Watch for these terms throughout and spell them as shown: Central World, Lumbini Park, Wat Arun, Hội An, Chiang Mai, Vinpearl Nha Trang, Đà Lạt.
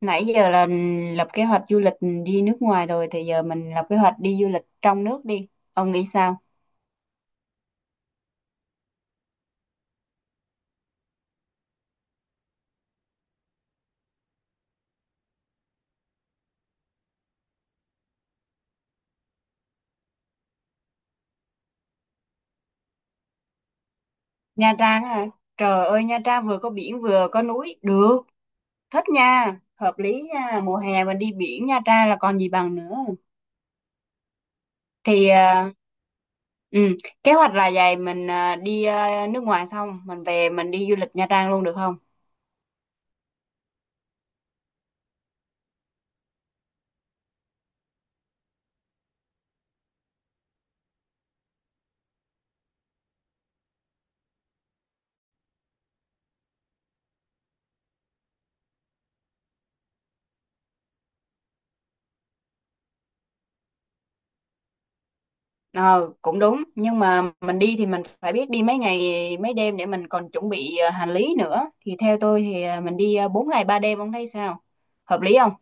Nãy giờ là lập kế hoạch du lịch đi nước ngoài rồi thì giờ mình lập kế hoạch đi du lịch trong nước đi. Ông nghĩ sao? Nha Trang hả? Trời ơi, Nha Trang vừa có biển vừa có núi, được, thích nha, hợp lý nha, mùa hè mình đi biển Nha Trang là còn gì bằng nữa. Thì à, ừ, kế hoạch là vậy, mình đi nước ngoài xong mình về mình đi du lịch Nha Trang luôn được không? Ờ, cũng đúng, nhưng mà mình đi thì mình phải biết đi mấy ngày mấy đêm để mình còn chuẩn bị hành lý nữa. Thì theo tôi thì mình đi 4 ngày 3 đêm, ông thấy sao? Hợp lý không?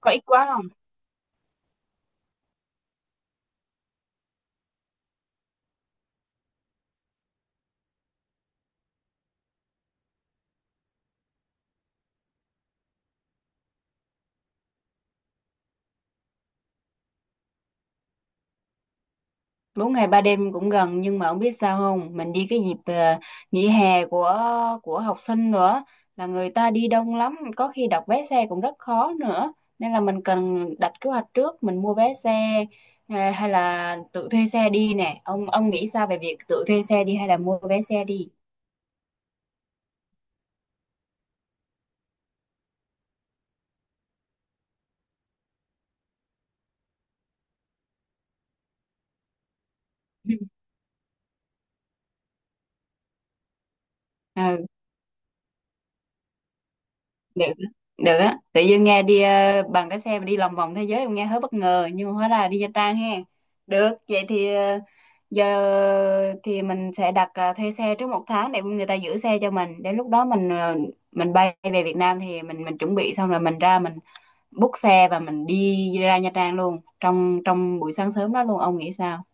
Có ít quá không? 4 ngày 3 đêm cũng gần, nhưng mà ông biết sao không? Mình đi cái dịp nghỉ hè của học sinh nữa, là người ta đi đông lắm, có khi đặt vé xe cũng rất khó nữa. Nên là mình cần đặt kế hoạch trước, mình mua vé xe, hay là tự thuê xe đi nè. Ông nghĩ sao về việc tự thuê xe đi hay là mua vé xe đi? Ừ, được, được á. Tự nhiên nghe đi bằng cái xe mà đi lòng vòng thế giới cũng nghe hơi bất ngờ, nhưng mà hóa là đi Nha Trang ha. Được, vậy thì giờ thì mình sẽ đặt thuê xe trước 1 tháng để người ta giữ xe cho mình, đến lúc đó mình mình bay về Việt Nam thì mình chuẩn bị xong rồi mình ra mình book xe và mình đi ra Nha Trang luôn trong trong buổi sáng sớm đó luôn, ông nghĩ sao?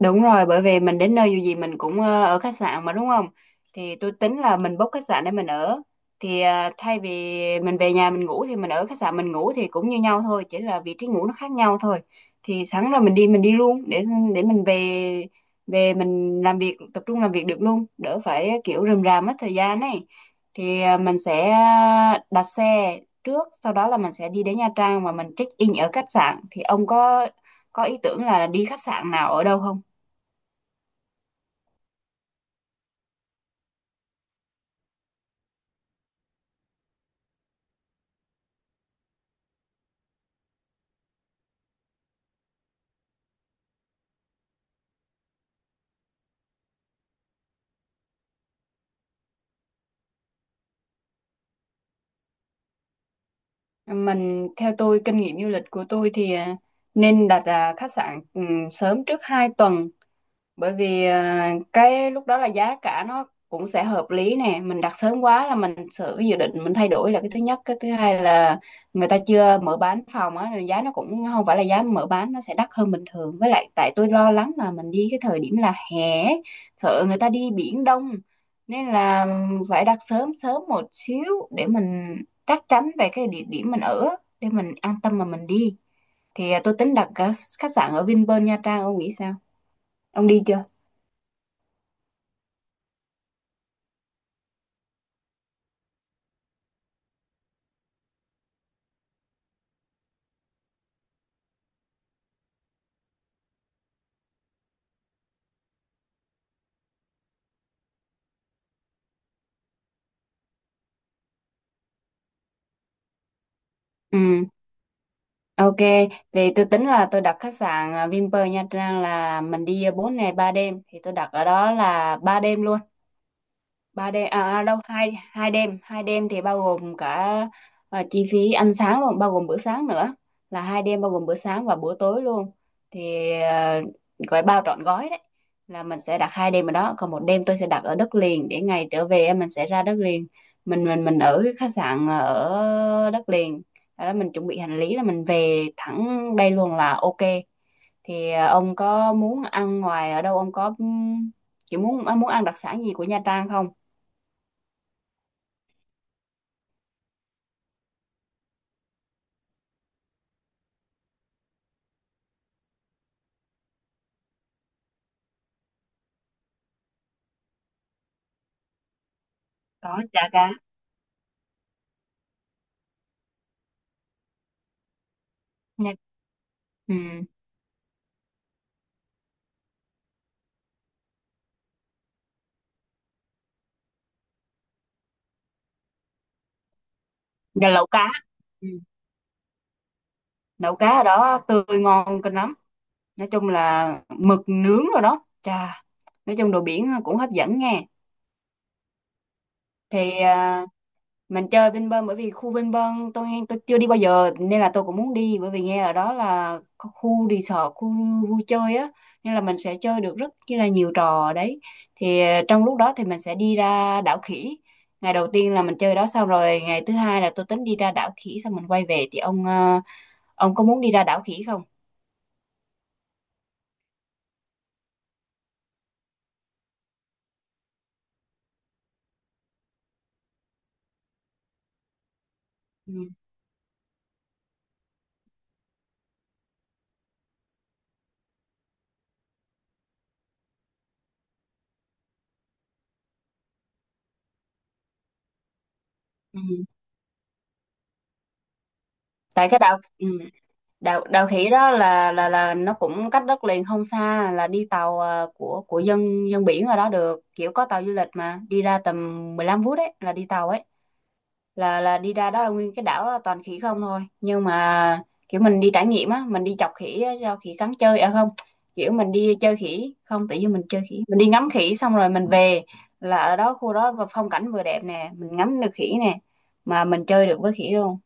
Đúng rồi, bởi vì mình đến nơi dù gì mình cũng ở khách sạn mà, đúng không? Thì tôi tính là mình book khách sạn để mình ở. Thì thay vì mình về nhà mình ngủ thì mình ở khách sạn mình ngủ thì cũng như nhau thôi, chỉ là vị trí ngủ nó khác nhau thôi. Thì sẵn là mình đi, mình đi luôn để mình về, về mình làm việc, tập trung làm việc được luôn, đỡ phải kiểu rườm rà mất thời gian này. Thì mình sẽ đặt xe trước, sau đó là mình sẽ đi đến Nha Trang và mình check in ở khách sạn. Thì ông có ý tưởng là đi khách sạn nào ở đâu không? Mình, theo tôi, kinh nghiệm du lịch của tôi thì nên đặt khách sạn sớm trước 2 tuần, bởi vì cái lúc đó là giá cả nó cũng sẽ hợp lý nè, mình đặt sớm quá là mình sự cái dự định mình thay đổi là cái thứ nhất, cái thứ hai là người ta chưa mở bán phòng á nên giá nó cũng không phải là giá mở bán, nó sẽ đắt hơn bình thường, với lại tại tôi lo lắng là mình đi cái thời điểm là hè ấy, sợ người ta đi biển đông, nên là phải đặt sớm sớm một xíu để mình chắc chắn về cái địa điểm mình ở, để mình an tâm mà mình đi. Thì tôi tính đặt khách sạn ở Vinpearl Nha Trang, ông nghĩ sao? Ông đi chưa? Ừ, ok. Thì tôi tính là tôi đặt khách sạn Vinpearl Nha Trang là mình đi 4 ngày 3 đêm. Thì tôi đặt ở đó là 3 đêm luôn, 3 đêm đâu, hai hai đêm thì bao gồm cả chi phí ăn sáng luôn, bao gồm bữa sáng nữa, là 2 đêm bao gồm bữa sáng và bữa tối luôn, thì gọi bao trọn gói đấy. Là mình sẽ đặt 2 đêm ở đó, còn 1 đêm tôi sẽ đặt ở đất liền để ngày trở về mình sẽ ra đất liền, mình ở cái khách sạn ở đất liền. Sau đó mình chuẩn bị hành lý là mình về thẳng đây luôn là ok. Thì ông có muốn ăn ngoài ở đâu, ông có kiểu muốn muốn ăn đặc sản gì của Nha Trang không? Có chả cá nha. Ừ. Và lẩu cá. Ừ. Lẩu cá ở đó tươi ngon kinh lắm, nói chung là mực nướng rồi, đó, chà, nói chung đồ biển cũng hấp dẫn nghe. Thì mình chơi Vinpearl, bởi vì khu Vinpearl tôi chưa đi bao giờ nên là tôi cũng muốn đi, bởi vì nghe ở đó là có khu resort, khu vui chơi á, nên là mình sẽ chơi được rất chi là nhiều trò ở đấy. Thì trong lúc đó thì mình sẽ đi ra đảo khỉ. Ngày đầu tiên là mình chơi đó, xong rồi ngày thứ hai là tôi tính đi ra đảo khỉ xong mình quay về, thì ông ông có muốn đi ra đảo khỉ không? Ừ. Ừ. Tại cái đảo, ừ, đạo đạo khỉ đó là nó cũng cách đất liền không xa, là đi tàu của dân dân biển ở đó được, kiểu có tàu du lịch mà đi ra tầm 15 phút đấy, là đi tàu ấy, là đi ra đó là nguyên cái đảo đó là toàn khỉ không thôi, nhưng mà kiểu mình đi trải nghiệm á, mình đi chọc khỉ á, cho khỉ cắn chơi, à không, kiểu mình đi chơi khỉ không, tự nhiên mình chơi khỉ, mình đi ngắm khỉ xong rồi mình về. Là ở đó khu đó và phong cảnh vừa đẹp nè, mình ngắm được khỉ nè, mà mình chơi được với khỉ luôn.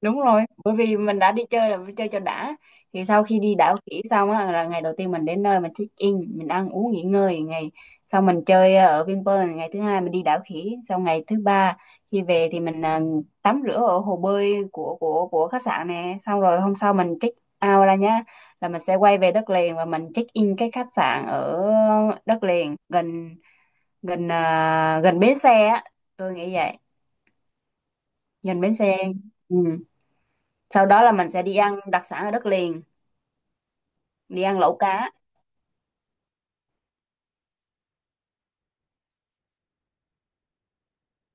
Đúng rồi, bởi vì mình đã đi chơi là phải chơi cho đã. Thì sau khi đi đảo khỉ xong á là ngày đầu tiên mình đến nơi mình check in, mình ăn uống nghỉ ngơi, ngày sau mình chơi ở Vinpearl, ngày thứ hai mình đi đảo khỉ, sau ngày thứ ba khi về thì mình tắm rửa ở hồ bơi của khách sạn nè, xong rồi hôm sau mình check out ra nhá, là mình sẽ quay về đất liền và mình check in cái khách sạn ở đất liền, gần gần gần bến xe á, tôi nghĩ vậy, gần bến xe. Ừ. Sau đó là mình sẽ đi ăn đặc sản ở đất liền, đi ăn lẩu cá.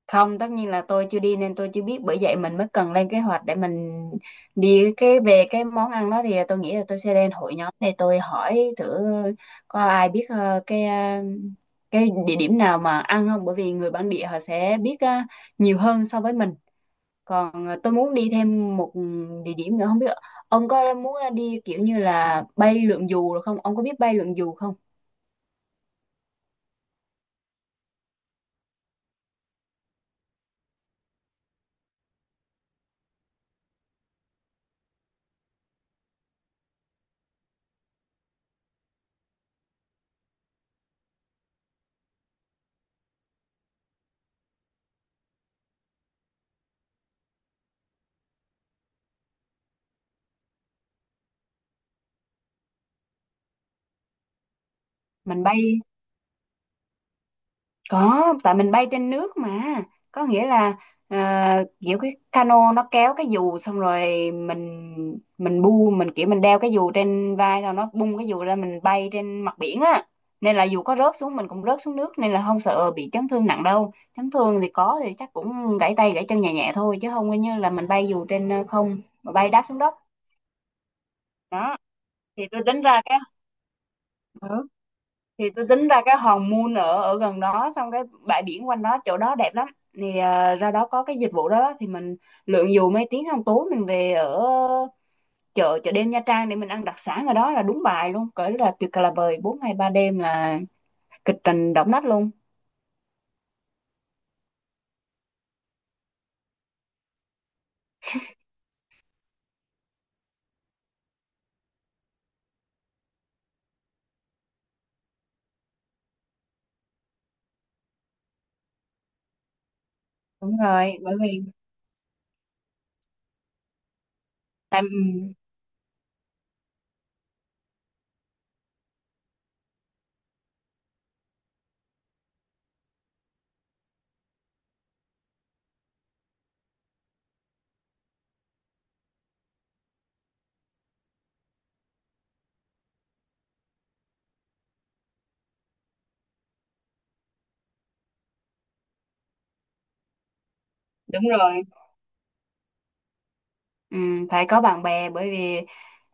Không, tất nhiên là tôi chưa đi nên tôi chưa biết, bởi vậy mình mới cần lên kế hoạch để mình đi cái về cái món ăn đó, thì tôi nghĩ là tôi sẽ lên hội nhóm để tôi hỏi thử có ai biết cái cái địa điểm nào mà ăn không, bởi vì người bản địa họ sẽ biết nhiều hơn so với mình. Còn tôi muốn đi thêm một địa điểm nữa, không biết ông có muốn đi kiểu như là bay lượn dù rồi không, ông có biết bay lượn dù không? Mình bay Có, tại mình bay trên nước mà. Có nghĩa là, kiểu cái cano nó kéo cái dù xong rồi mình bu, mình kiểu mình đeo cái dù trên vai rồi nó bung cái dù ra, mình bay trên mặt biển á. Nên là dù có rớt xuống mình cũng rớt xuống nước nên là không sợ bị chấn thương nặng đâu. Chấn thương thì có thì chắc cũng gãy tay gãy chân nhẹ nhẹ thôi, chứ không có như là mình bay dù trên không mà bay đáp xuống đất. Đó. Thì tôi tính ra cái Ừ. Thì tôi tính ra cái hòn Moon ở ở gần đó, xong cái bãi biển quanh đó chỗ đó đẹp lắm. Thì ra đó có cái dịch vụ đó, đó thì mình lượn dù mấy tiếng, xong tối mình về ở chợ chợ đêm Nha Trang để mình ăn đặc sản ở đó là đúng bài luôn, cỡ là tuyệt là vời. 4 ngày 3 đêm là kịch trình động đất luôn. Đúng rồi, bởi vì tại, đúng rồi. Phải có bạn bè, bởi vì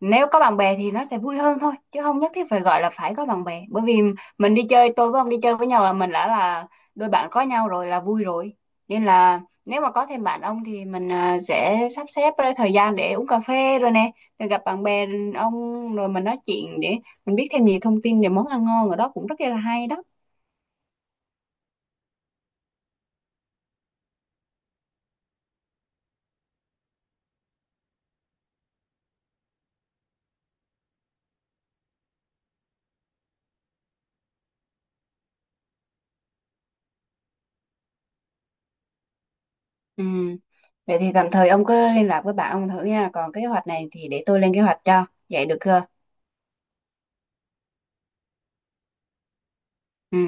nếu có bạn bè thì nó sẽ vui hơn thôi, chứ không nhất thiết phải gọi là phải có bạn bè, bởi vì mình đi chơi, tôi với ông đi chơi với nhau là mình đã là đôi bạn có nhau rồi là vui rồi. Nên là nếu mà có thêm bạn ông thì mình sẽ sắp xếp ra thời gian để uống cà phê rồi nè, rồi gặp bạn bè ông, rồi mình nói chuyện để mình biết thêm nhiều thông tin về món ăn ngon ở đó cũng rất là hay đó. Ừm. Vậy thì tạm thời ông cứ liên lạc với bạn ông thử nha, còn cái kế hoạch này thì để tôi lên kế hoạch cho, vậy được chưa? Ừ.